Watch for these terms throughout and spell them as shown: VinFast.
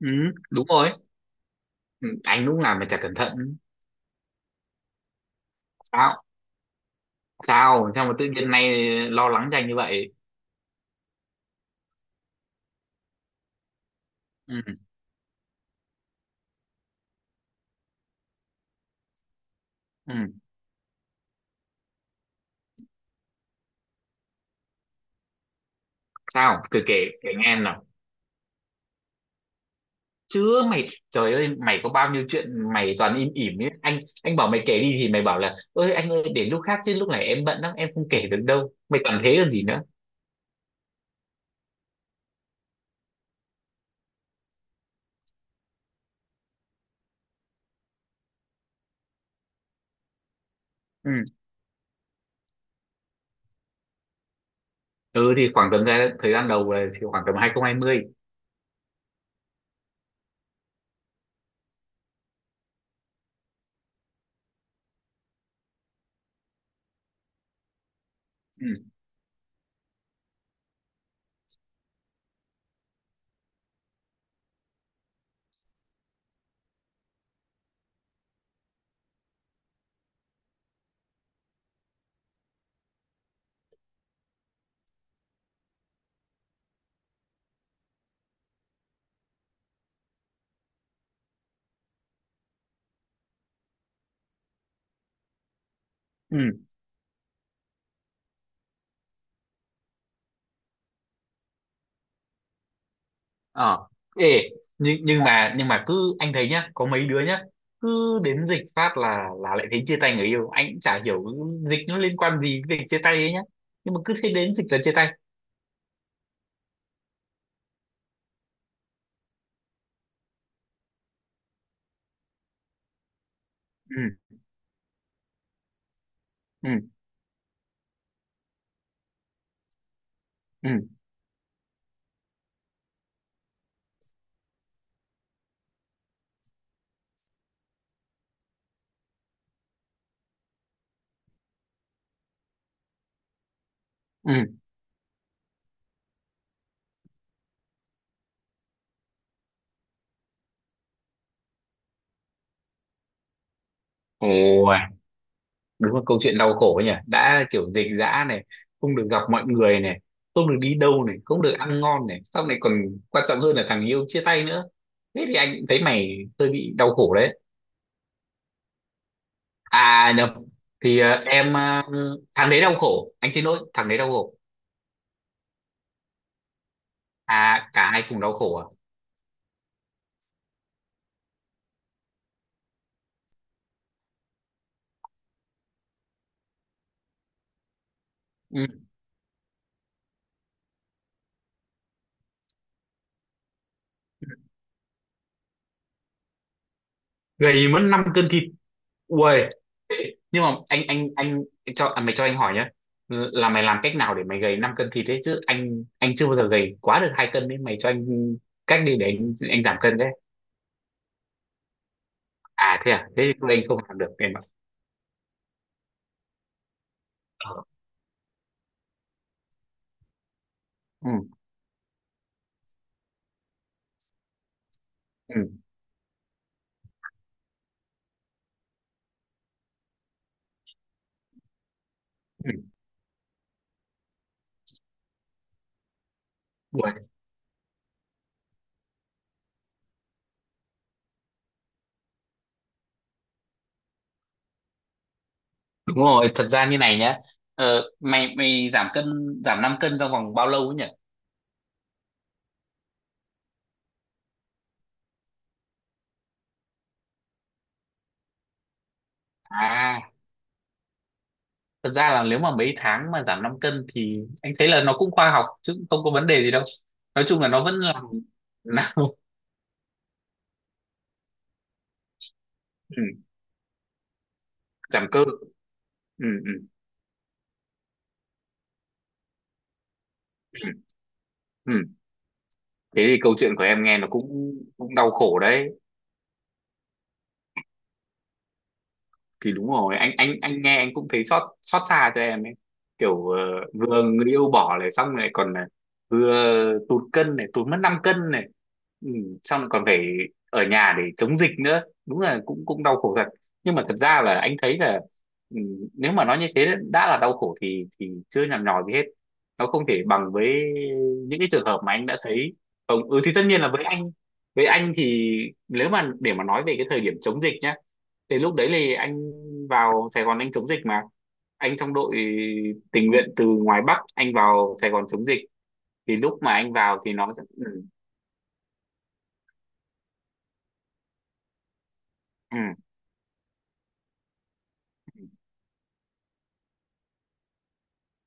Ừ, đúng rồi. Ừ, anh lúc nào mà chả cẩn thận. Sao? Sao? Sao mà tự nhiên nay lo lắng cho anh như vậy? Ừ, ừ. Sao? Cứ kể kể nghe em nào. Chứ mày, trời ơi, mày có bao nhiêu chuyện mày toàn im ỉm ấy. Anh bảo mày kể đi thì mày bảo là ơi anh ơi để lúc khác chứ lúc này em bận lắm em không kể được đâu. Mày toàn thế còn gì nữa? Ừ. Ừ thì khoảng tầm ra thời gian đầu là thì khoảng tầm 2020. Ừ. Ừ. ờ Ê, nhưng mà cứ anh thấy nhá, có mấy đứa nhá cứ đến dịch phát là lại thấy chia tay người yêu, anh cũng chả hiểu dịch nó liên quan gì với việc chia tay ấy nhá, nhưng mà cứ thấy đến dịch là chia tay. Ừ, ừ, ừ, ừ. Ôi đúng là câu chuyện đau khổ ấy nhỉ, đã kiểu dịch dã này, không được gặp mọi người này, không được đi đâu này, không được ăn ngon này, sau này còn quan trọng hơn là thằng yêu chia tay nữa, thế thì anh cũng thấy mày hơi bị đau khổ đấy. À nhầm, thì em, thằng đấy đau khổ, anh xin lỗi, thằng đấy đau khổ. À cả hai cùng đau khổ à? Ừ. Gầy mất 5 cân thịt? Ui. Nhưng mà anh cho, mày cho anh hỏi nhá, là mày làm cách nào để mày gầy 5 cân thịt đấy, chứ anh chưa bao giờ gầy quá được 2 cân đấy, mày cho anh cách đi để anh giảm cân đấy. À thế à, thế thì tôi anh không làm được em ạ. Ờ. Ừ. Ừ. Ừ. Ui. Đúng rồi, thật ra như này nhá, mày mày giảm cân, giảm 5 cân trong vòng bao lâu ấy nhỉ? À thật ra là nếu mà mấy tháng mà giảm 5 cân thì anh thấy là nó cũng khoa học chứ cũng không có vấn đề gì đâu, nói chung là nó vẫn là ừ, giảm cơ. Ừ, ừ, ừ. Ừ. Thế thì câu chuyện của em nghe nó cũng cũng đau khổ đấy. Thì đúng rồi, anh nghe anh cũng thấy xót xót xa cho em ấy, kiểu vừa người yêu bỏ này, xong lại còn là vừa tụt cân này, tụt mất 5 cân này, ừ, xong lại còn phải ở nhà để chống dịch nữa, đúng là cũng cũng đau khổ thật. Nhưng mà thật ra là anh thấy là, ừ, nếu mà nói như thế đã là đau khổ thì chưa nhằn nhò gì hết, nó không thể bằng với những cái trường hợp mà anh đã thấy. Không, ừ, thì tất nhiên là với anh thì nếu mà để mà nói về cái thời điểm chống dịch nhá, thì lúc đấy thì anh vào Sài Gòn anh chống dịch mà. Anh trong đội tình nguyện từ ngoài Bắc anh vào Sài Gòn chống dịch. Thì lúc mà anh vào thì ừ, ừ,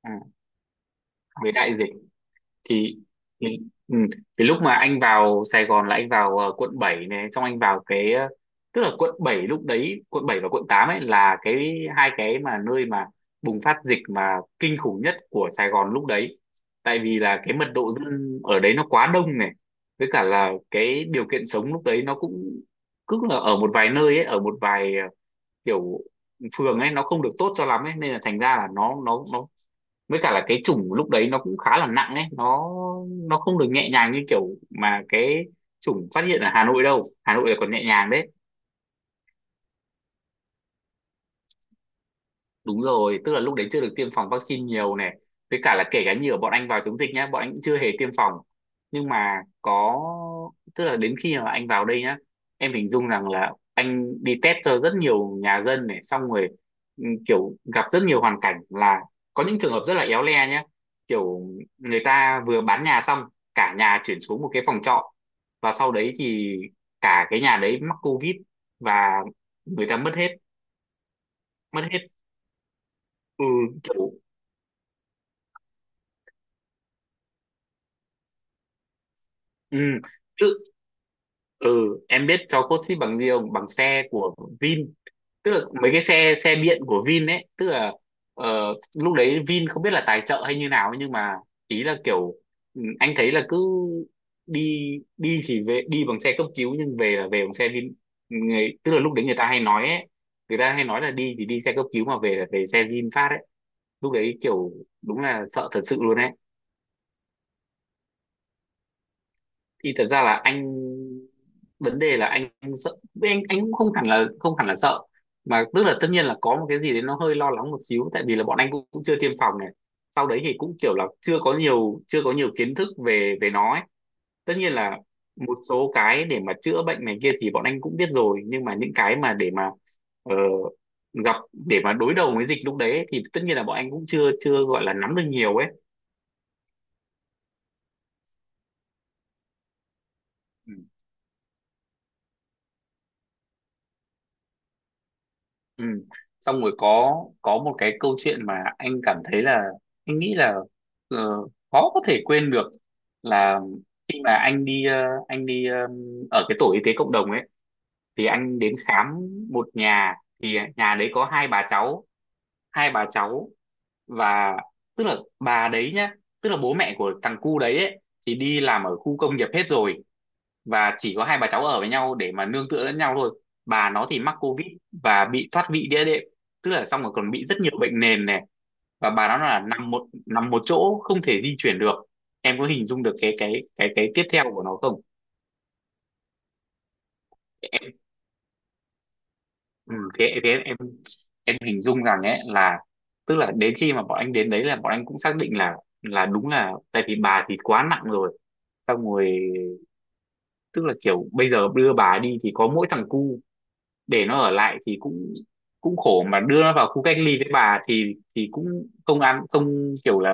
ừ, với đại dịch thì thì, ừ. Thì lúc mà anh vào Sài Gòn là anh vào quận 7 này, xong anh vào cái tức là quận 7 lúc đấy, quận 7 và quận 8 ấy là cái hai cái mà nơi mà bùng phát dịch mà kinh khủng nhất của Sài Gòn lúc đấy, tại vì là cái mật độ dân ở đấy nó quá đông này, với cả là cái điều kiện sống lúc đấy nó cũng cứ là ở một vài nơi ấy, ở một vài kiểu phường ấy nó không được tốt cho lắm ấy nên là thành ra là nó với cả là cái chủng lúc đấy nó cũng khá là nặng ấy, nó không được nhẹ nhàng như kiểu mà cái chủng phát hiện ở Hà Nội đâu, Hà Nội là còn nhẹ nhàng đấy. Đúng rồi, tức là lúc đấy chưa được tiêm phòng vaccine nhiều này. Với cả là kể cả như ở bọn anh vào chống dịch nhá, bọn anh cũng chưa hề tiêm phòng. Nhưng mà có, tức là đến khi mà anh vào đây nhá, em hình dung rằng là anh đi test cho rất nhiều nhà dân này, xong rồi ừ, kiểu gặp rất nhiều hoàn cảnh là có những trường hợp rất là éo le nhá. Kiểu người ta vừa bán nhà xong, cả nhà chuyển xuống một cái phòng trọ. Và sau đấy thì cả cái nhà đấy mắc COVID và người ta mất hết, mất hết, ừ, kiểu, ừ, tự ừ, em biết cháu cốt xích bằng gì không, bằng xe của Vin, tức là mấy cái xe xe điện của Vin ấy, tức là lúc đấy Vin không biết là tài trợ hay như nào ấy, nhưng mà ý là kiểu, ừ, anh thấy là cứ đi đi chỉ về, đi bằng xe cấp cứu nhưng về là về bằng xe Vin, người, tức là lúc đấy người ta hay nói ấy, người ta hay nói là đi thì đi xe cấp cứu mà về là về xe VinFast ấy, lúc đấy kiểu đúng là sợ thật sự luôn. Thì thật ra là anh, vấn đề là anh, sợ, anh cũng không hẳn là sợ, mà tức là tất nhiên là có một cái gì đấy nó hơi lo lắng một xíu, tại vì là bọn anh cũng chưa tiêm phòng này, sau đấy thì cũng kiểu là chưa có nhiều kiến thức về về nó ấy. Tất nhiên là một số cái để mà chữa bệnh này kia thì bọn anh cũng biết rồi, nhưng mà những cái mà để mà ờ, gặp để mà đối đầu với dịch lúc đấy ấy, thì tất nhiên là bọn anh cũng chưa chưa gọi là nắm được nhiều ấy. Ừ. Xong rồi có một cái câu chuyện mà anh cảm thấy là anh nghĩ là ờ, khó có thể quên được, là khi mà anh đi anh đi ở cái tổ y tế cộng đồng ấy, thì anh đến khám một nhà, thì nhà đấy có hai bà cháu, hai bà cháu và tức là bà đấy nhá, tức là bố mẹ của thằng cu đấy ấy, thì đi làm ở khu công nghiệp hết rồi, và chỉ có hai bà cháu ở với nhau để mà nương tựa lẫn nhau thôi, bà nó thì mắc covid và bị thoát vị đĩa đệm, tức là xong rồi còn bị rất nhiều bệnh nền này, và bà nó là nằm một chỗ không thể di chuyển được, em có hình dung được cái tiếp theo của nó không? Em, ừ, thế thế em hình dung rằng ấy là, tức là đến khi mà bọn anh đến đấy là bọn anh cũng xác định là đúng là, tại vì bà thì quá nặng rồi, xong rồi tức là kiểu bây giờ đưa bà đi thì có mỗi thằng cu, để nó ở lại thì cũng cũng khổ, mà đưa nó vào khu cách ly với bà thì cũng không kiểu là,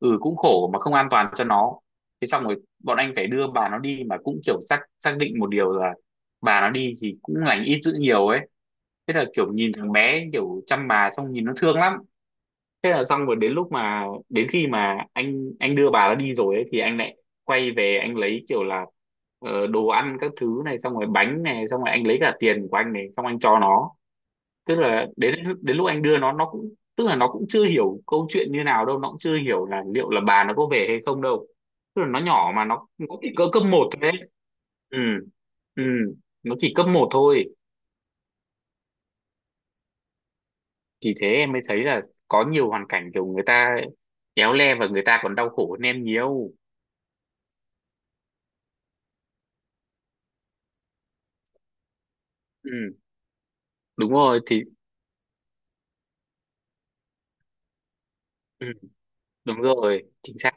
ừ, cũng khổ mà không an toàn cho nó, thế xong rồi bọn anh phải đưa bà nó đi, mà cũng kiểu xác xác định một điều là bà nó đi thì cũng lành ít dữ nhiều ấy, thế là kiểu nhìn thằng bé kiểu chăm bà, xong nhìn nó thương lắm. Thế là xong rồi đến khi mà anh đưa bà nó đi rồi ấy, thì anh lại quay về, anh lấy kiểu là đồ ăn các thứ này, xong rồi bánh này, xong rồi anh lấy cả tiền của anh này, xong anh cho nó, tức là đến đến lúc anh đưa nó cũng tức là nó cũng chưa hiểu câu chuyện như nào đâu, nó cũng chưa hiểu là liệu là bà nó có về hay không đâu, tức là nó nhỏ mà nó chỉ cỡ cấp 1 thôi đấy. Ừ. Ừ. Nó chỉ cấp 1 thôi. Thì thế em mới thấy là có nhiều hoàn cảnh kiểu người ta éo le, và người ta còn đau khổ hơn em nhiều. Ừ đúng rồi, thì, ừ, đúng rồi, chính xác.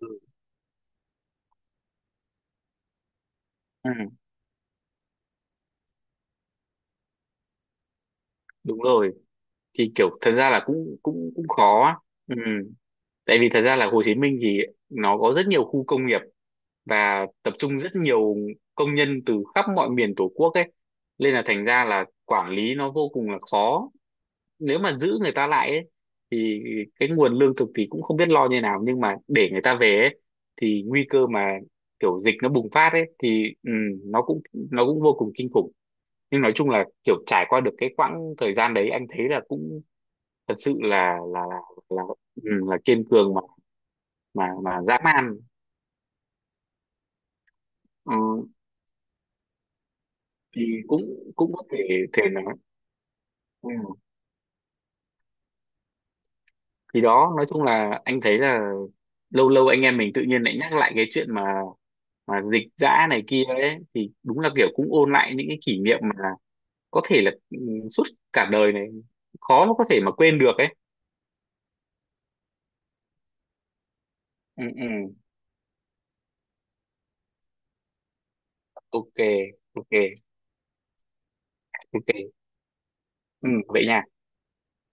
Ừ, ừ, đúng rồi, thì kiểu thật ra là cũng cũng cũng khó á. Ừ, tại vì thật ra là Hồ Chí Minh thì nó có rất nhiều khu công nghiệp, và tập trung rất nhiều công nhân từ khắp mọi miền Tổ quốc ấy, nên là thành ra là quản lý nó vô cùng là khó, nếu mà giữ người ta lại ấy, thì cái nguồn lương thực thì cũng không biết lo như nào, nhưng mà để người ta về ấy, thì nguy cơ mà kiểu dịch nó bùng phát ấy thì, ừ, nó cũng vô cùng kinh khủng. Nhưng nói chung là kiểu trải qua được cái quãng thời gian đấy anh thấy là cũng thật sự là, ừ, là kiên cường, mà dã man. Ừ, thì cũng cũng có thể thể nói. Ừ. Thì đó nói chung là anh thấy là lâu lâu anh em mình tự nhiên lại nhắc lại cái chuyện mà dịch dã này kia ấy, thì đúng là kiểu cũng ôn lại những cái kỷ niệm mà có thể là, ừ, suốt cả đời này khó mà có thể mà quên được ấy. Ừ, ừ. Ok, ok, ok. Ừ, vậy nha.